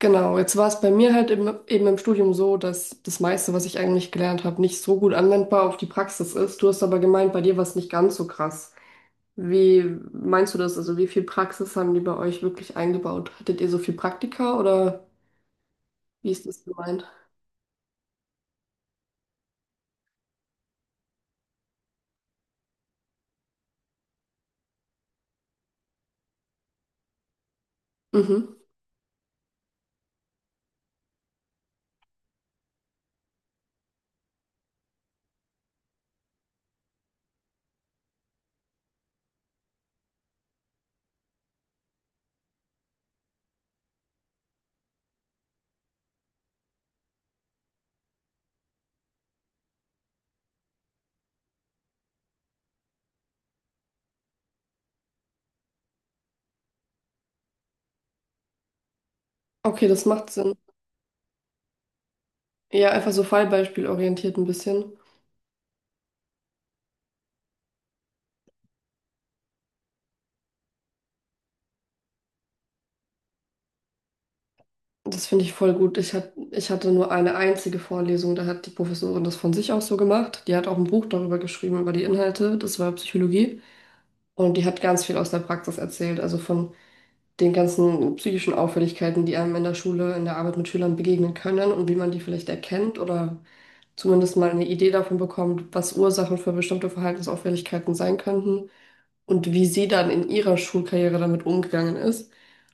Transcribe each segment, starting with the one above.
Genau, jetzt war es bei mir halt eben im Studium so, dass das meiste, was ich eigentlich gelernt habe, nicht so gut anwendbar auf die Praxis ist. Du hast aber gemeint, bei dir war es nicht ganz so krass. Wie meinst du das? Also wie viel Praxis haben die bei euch wirklich eingebaut? Hattet ihr so viel Praktika oder wie ist das gemeint? Mhm. Okay, das macht Sinn. Ja, einfach so fallbeispielorientiert ein bisschen. Das finde ich voll gut. Ich hatte nur eine einzige Vorlesung, da hat die Professorin das von sich aus so gemacht. Die hat auch ein Buch darüber geschrieben, über die Inhalte. Das war Psychologie. Und die hat ganz viel aus der Praxis erzählt, also von den ganzen psychischen Auffälligkeiten, die einem in der Schule, in der Arbeit mit Schülern begegnen können und wie man die vielleicht erkennt oder zumindest mal eine Idee davon bekommt, was Ursachen für bestimmte Verhaltensauffälligkeiten sein könnten und wie sie dann in ihrer Schulkarriere damit umgegangen ist,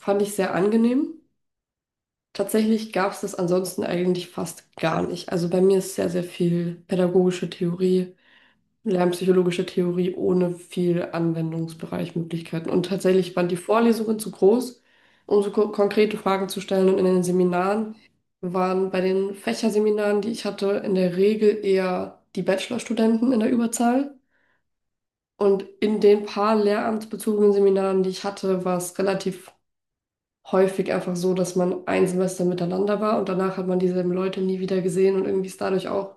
fand ich sehr angenehm. Tatsächlich gab es das ansonsten eigentlich fast gar nicht. Also bei mir ist sehr, sehr viel pädagogische Theorie. Lernpsychologische Theorie ohne viel Anwendungsbereichmöglichkeiten. Und tatsächlich waren die Vorlesungen zu groß, um so ko konkrete Fragen zu stellen. Und in den Seminaren waren bei den Fächerseminaren, die ich hatte, in der Regel eher die Bachelorstudenten in der Überzahl. Und in den paar lehramtsbezogenen Seminaren, die ich hatte, war es relativ häufig einfach so, dass man ein Semester miteinander war und danach hat man dieselben Leute nie wieder gesehen und irgendwie ist dadurch auch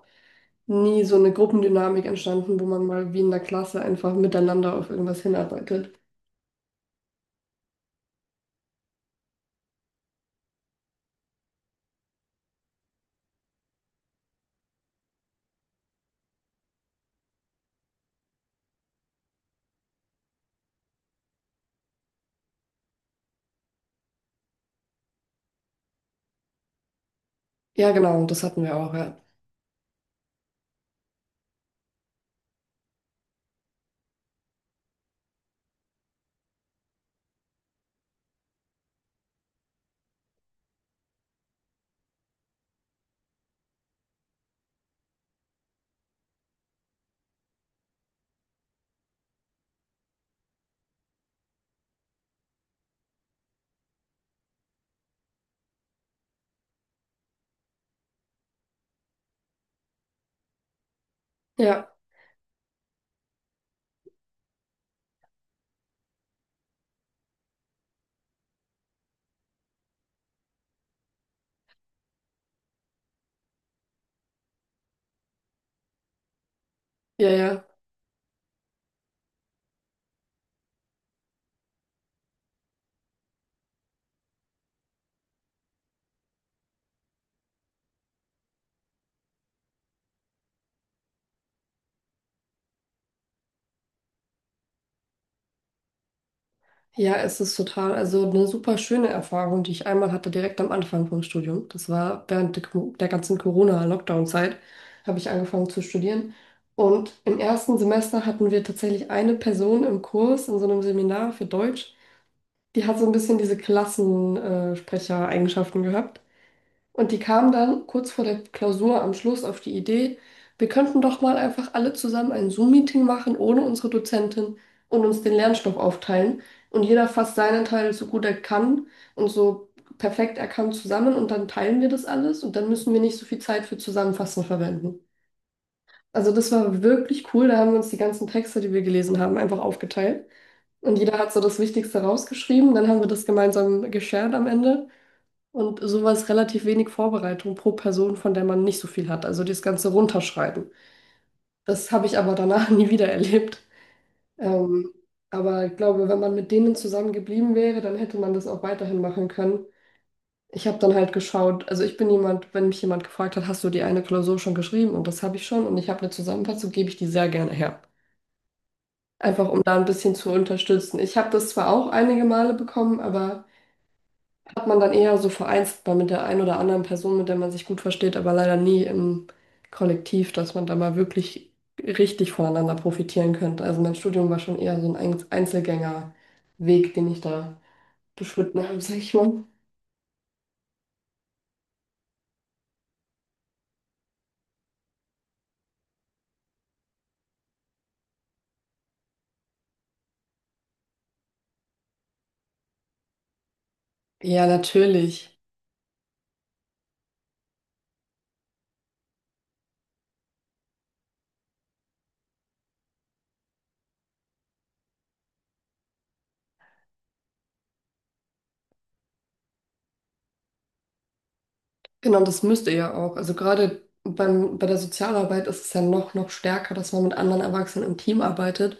nie so eine Gruppendynamik entstanden, wo man mal wie in der Klasse einfach miteinander auf irgendwas hinarbeitet. Ja, genau, das hatten wir auch, ja. Ja, ja, ja. Ja, es ist total, also eine super schöne Erfahrung, die ich einmal hatte, direkt am Anfang vom Studium. Das war während der ganzen Corona-Lockdown-Zeit, habe ich angefangen zu studieren. Und im ersten Semester hatten wir tatsächlich eine Person im Kurs in so einem Seminar für Deutsch. Die hat so ein bisschen diese Klassensprecher-Eigenschaften gehabt. Und die kam dann kurz vor der Klausur am Schluss auf die Idee, wir könnten doch mal einfach alle zusammen ein Zoom-Meeting machen ohne unsere Dozentin und uns den Lernstoff aufteilen. Und jeder fasst seinen Teil so gut er kann und so perfekt er kann zusammen und dann teilen wir das alles und dann müssen wir nicht so viel Zeit für Zusammenfassen verwenden. Also das war wirklich cool. Da haben wir uns die ganzen Texte, die wir gelesen haben, einfach aufgeteilt. Und jeder hat so das Wichtigste rausgeschrieben. Dann haben wir das gemeinsam geshared am Ende. Und so war es relativ wenig Vorbereitung pro Person, von der man nicht so viel hat. Also das Ganze runterschreiben. Das habe ich aber danach nie wieder erlebt. Ähm, aber ich glaube, wenn man mit denen zusammen geblieben wäre, dann hätte man das auch weiterhin machen können. Ich habe dann halt geschaut, also ich bin jemand, wenn mich jemand gefragt hat, hast du die eine Klausur schon geschrieben? Und das habe ich schon und ich habe eine Zusammenfassung, gebe ich die sehr gerne her. Einfach um da ein bisschen zu unterstützen. Ich habe das zwar auch einige Male bekommen, aber hat man dann eher so vereinzelt mal mit der einen oder anderen Person, mit der man sich gut versteht, aber leider nie im Kollektiv, dass man da mal wirklich richtig voneinander profitieren könnte. Also mein Studium war schon eher so ein Einzelgängerweg, den ich da beschritten habe, sag ich mal. Ja, natürlich. Genau, das müsst ihr ja auch. Also gerade beim, bei der Sozialarbeit ist es ja noch, noch stärker, dass man mit anderen Erwachsenen im Team arbeitet.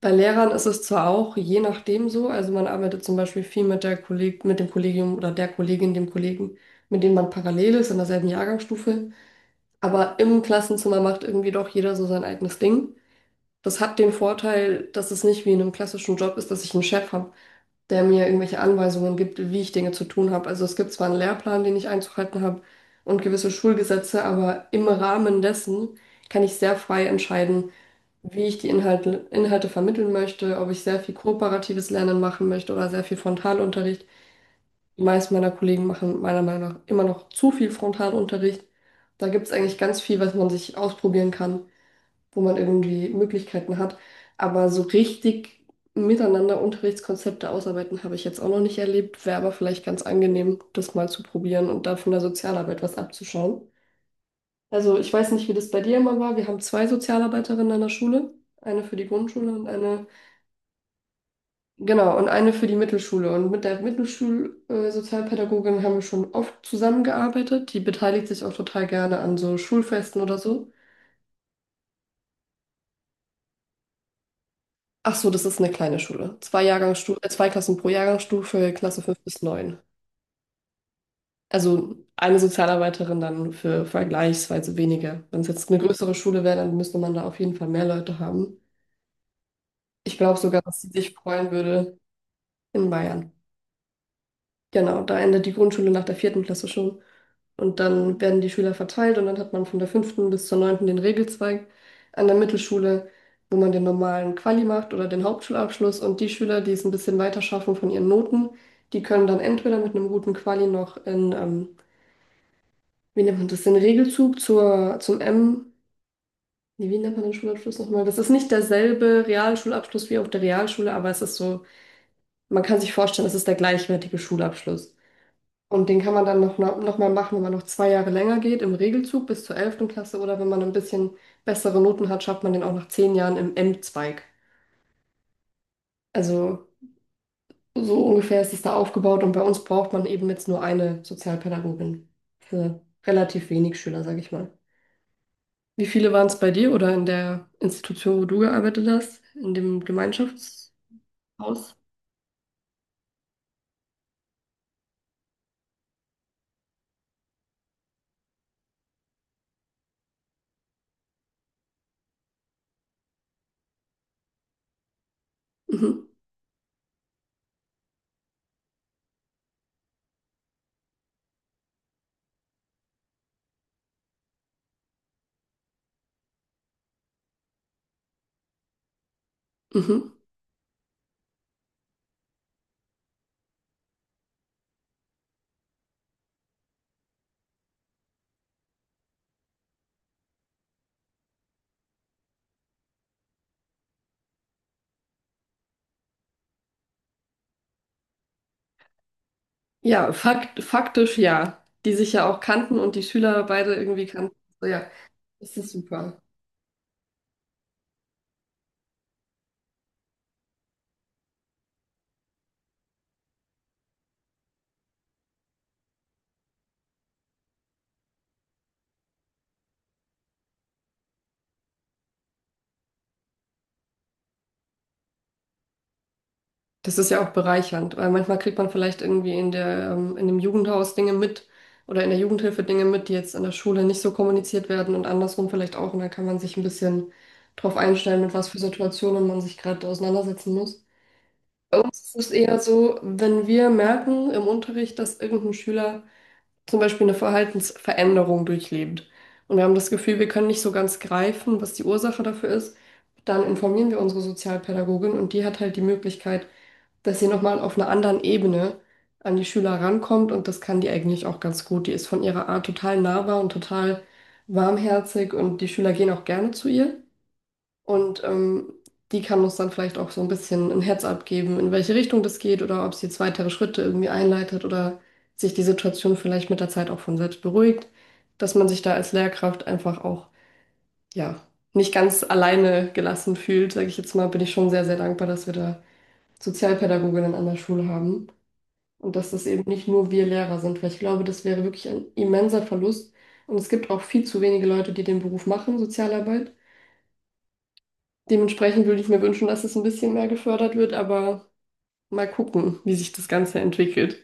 Bei Lehrern ist es zwar auch je nachdem so, also man arbeitet zum Beispiel viel mit dem Kollegium oder der Kollegin, dem Kollegen, mit dem man parallel ist in derselben Jahrgangsstufe, aber im Klassenzimmer macht irgendwie doch jeder so sein eigenes Ding. Das hat den Vorteil, dass es nicht wie in einem klassischen Job ist, dass ich einen Chef habe, der mir irgendwelche Anweisungen gibt, wie ich Dinge zu tun habe. Also es gibt zwar einen Lehrplan, den ich einzuhalten habe und gewisse Schulgesetze, aber im Rahmen dessen kann ich sehr frei entscheiden, wie ich die Inhalte vermitteln möchte, ob ich sehr viel kooperatives Lernen machen möchte oder sehr viel Frontalunterricht. Die meisten meiner Kollegen machen meiner Meinung nach immer noch zu viel Frontalunterricht. Da gibt es eigentlich ganz viel, was man sich ausprobieren kann, wo man irgendwie Möglichkeiten hat. Aber so richtig miteinander Unterrichtskonzepte ausarbeiten habe ich jetzt auch noch nicht erlebt. Wäre aber vielleicht ganz angenehm, das mal zu probieren und da von der Sozialarbeit was abzuschauen. Also ich weiß nicht, wie das bei dir immer war. Wir haben zwei Sozialarbeiterinnen an der Schule. Eine für die Grundschule und eine, genau, und eine für die Mittelschule. Und mit der Mittelschul-Sozialpädagogin haben wir schon oft zusammengearbeitet. Die beteiligt sich auch total gerne an so Schulfesten oder so. Ach so, das ist eine kleine Schule. Zwei Klassen pro Jahrgangsstufe, Klasse 5 bis 9. Also eine Sozialarbeiterin dann für vergleichsweise weniger. Wenn es jetzt eine größere Schule wäre, dann müsste man da auf jeden Fall mehr Leute haben. Ich glaube sogar, dass sie sich freuen würde in Bayern. Genau, da endet die Grundschule nach der vierten Klasse schon. Und dann werden die Schüler verteilt und dann hat man von der fünften bis zur neunten den Regelzweig an der Mittelschule, wo man den normalen Quali macht oder den Hauptschulabschluss. Und die Schüler, die es ein bisschen weiter schaffen von ihren Noten, die können dann entweder mit einem guten Quali noch wie nennt man das, den Regelzug zur, zum M. Nee, wie nennt man den Schulabschluss nochmal? Das ist nicht derselbe Realschulabschluss wie auf der Realschule, aber es ist so, man kann sich vorstellen, es ist der gleichwertige Schulabschluss. Und den kann man dann noch mal machen, wenn man noch zwei Jahre länger geht, im Regelzug bis zur 11. Klasse oder wenn man ein bisschen bessere Noten hat, schafft man den auch nach 10 Jahren im M-Zweig. Also so ungefähr ist es da aufgebaut und bei uns braucht man eben jetzt nur eine Sozialpädagogin für relativ wenig Schüler, sage ich mal. Wie viele waren es bei dir oder in der Institution, wo du gearbeitet hast, in dem Gemeinschaftshaus? Mhm. Mhm. Ja, faktisch ja. Die sich ja auch kannten und die Schüler beide irgendwie kannten. So, ja, das ist super. Das ist ja auch bereichernd, weil manchmal kriegt man vielleicht irgendwie in dem Jugendhaus Dinge mit oder in der Jugendhilfe Dinge mit, die jetzt in der Schule nicht so kommuniziert werden und andersrum vielleicht auch. Und dann kann man sich ein bisschen drauf einstellen, mit was für Situationen man sich gerade auseinandersetzen muss. Es ist eher so, wenn wir merken im Unterricht, dass irgendein Schüler zum Beispiel eine Verhaltensveränderung durchlebt und wir haben das Gefühl, wir können nicht so ganz greifen, was die Ursache dafür ist, dann informieren wir unsere Sozialpädagogin und die hat halt die Möglichkeit, dass sie nochmal auf einer anderen Ebene an die Schüler rankommt und das kann die eigentlich auch ganz gut. Die ist von ihrer Art total nahbar und total warmherzig und die Schüler gehen auch gerne zu ihr. Und die kann uns dann vielleicht auch so ein bisschen ein Heads-up geben, in welche Richtung das geht oder ob sie jetzt weitere Schritte irgendwie einleitet oder sich die Situation vielleicht mit der Zeit auch von selbst beruhigt, dass man sich da als Lehrkraft einfach auch, ja, nicht ganz alleine gelassen fühlt, sage ich jetzt mal, bin ich schon sehr, sehr dankbar, dass wir da Sozialpädagoginnen an der Schule haben. Und dass das eben nicht nur wir Lehrer sind, weil ich glaube, das wäre wirklich ein immenser Verlust. Und es gibt auch viel zu wenige Leute, die den Beruf machen, Sozialarbeit. Dementsprechend würde ich mir wünschen, dass es ein bisschen mehr gefördert wird, aber mal gucken, wie sich das Ganze entwickelt.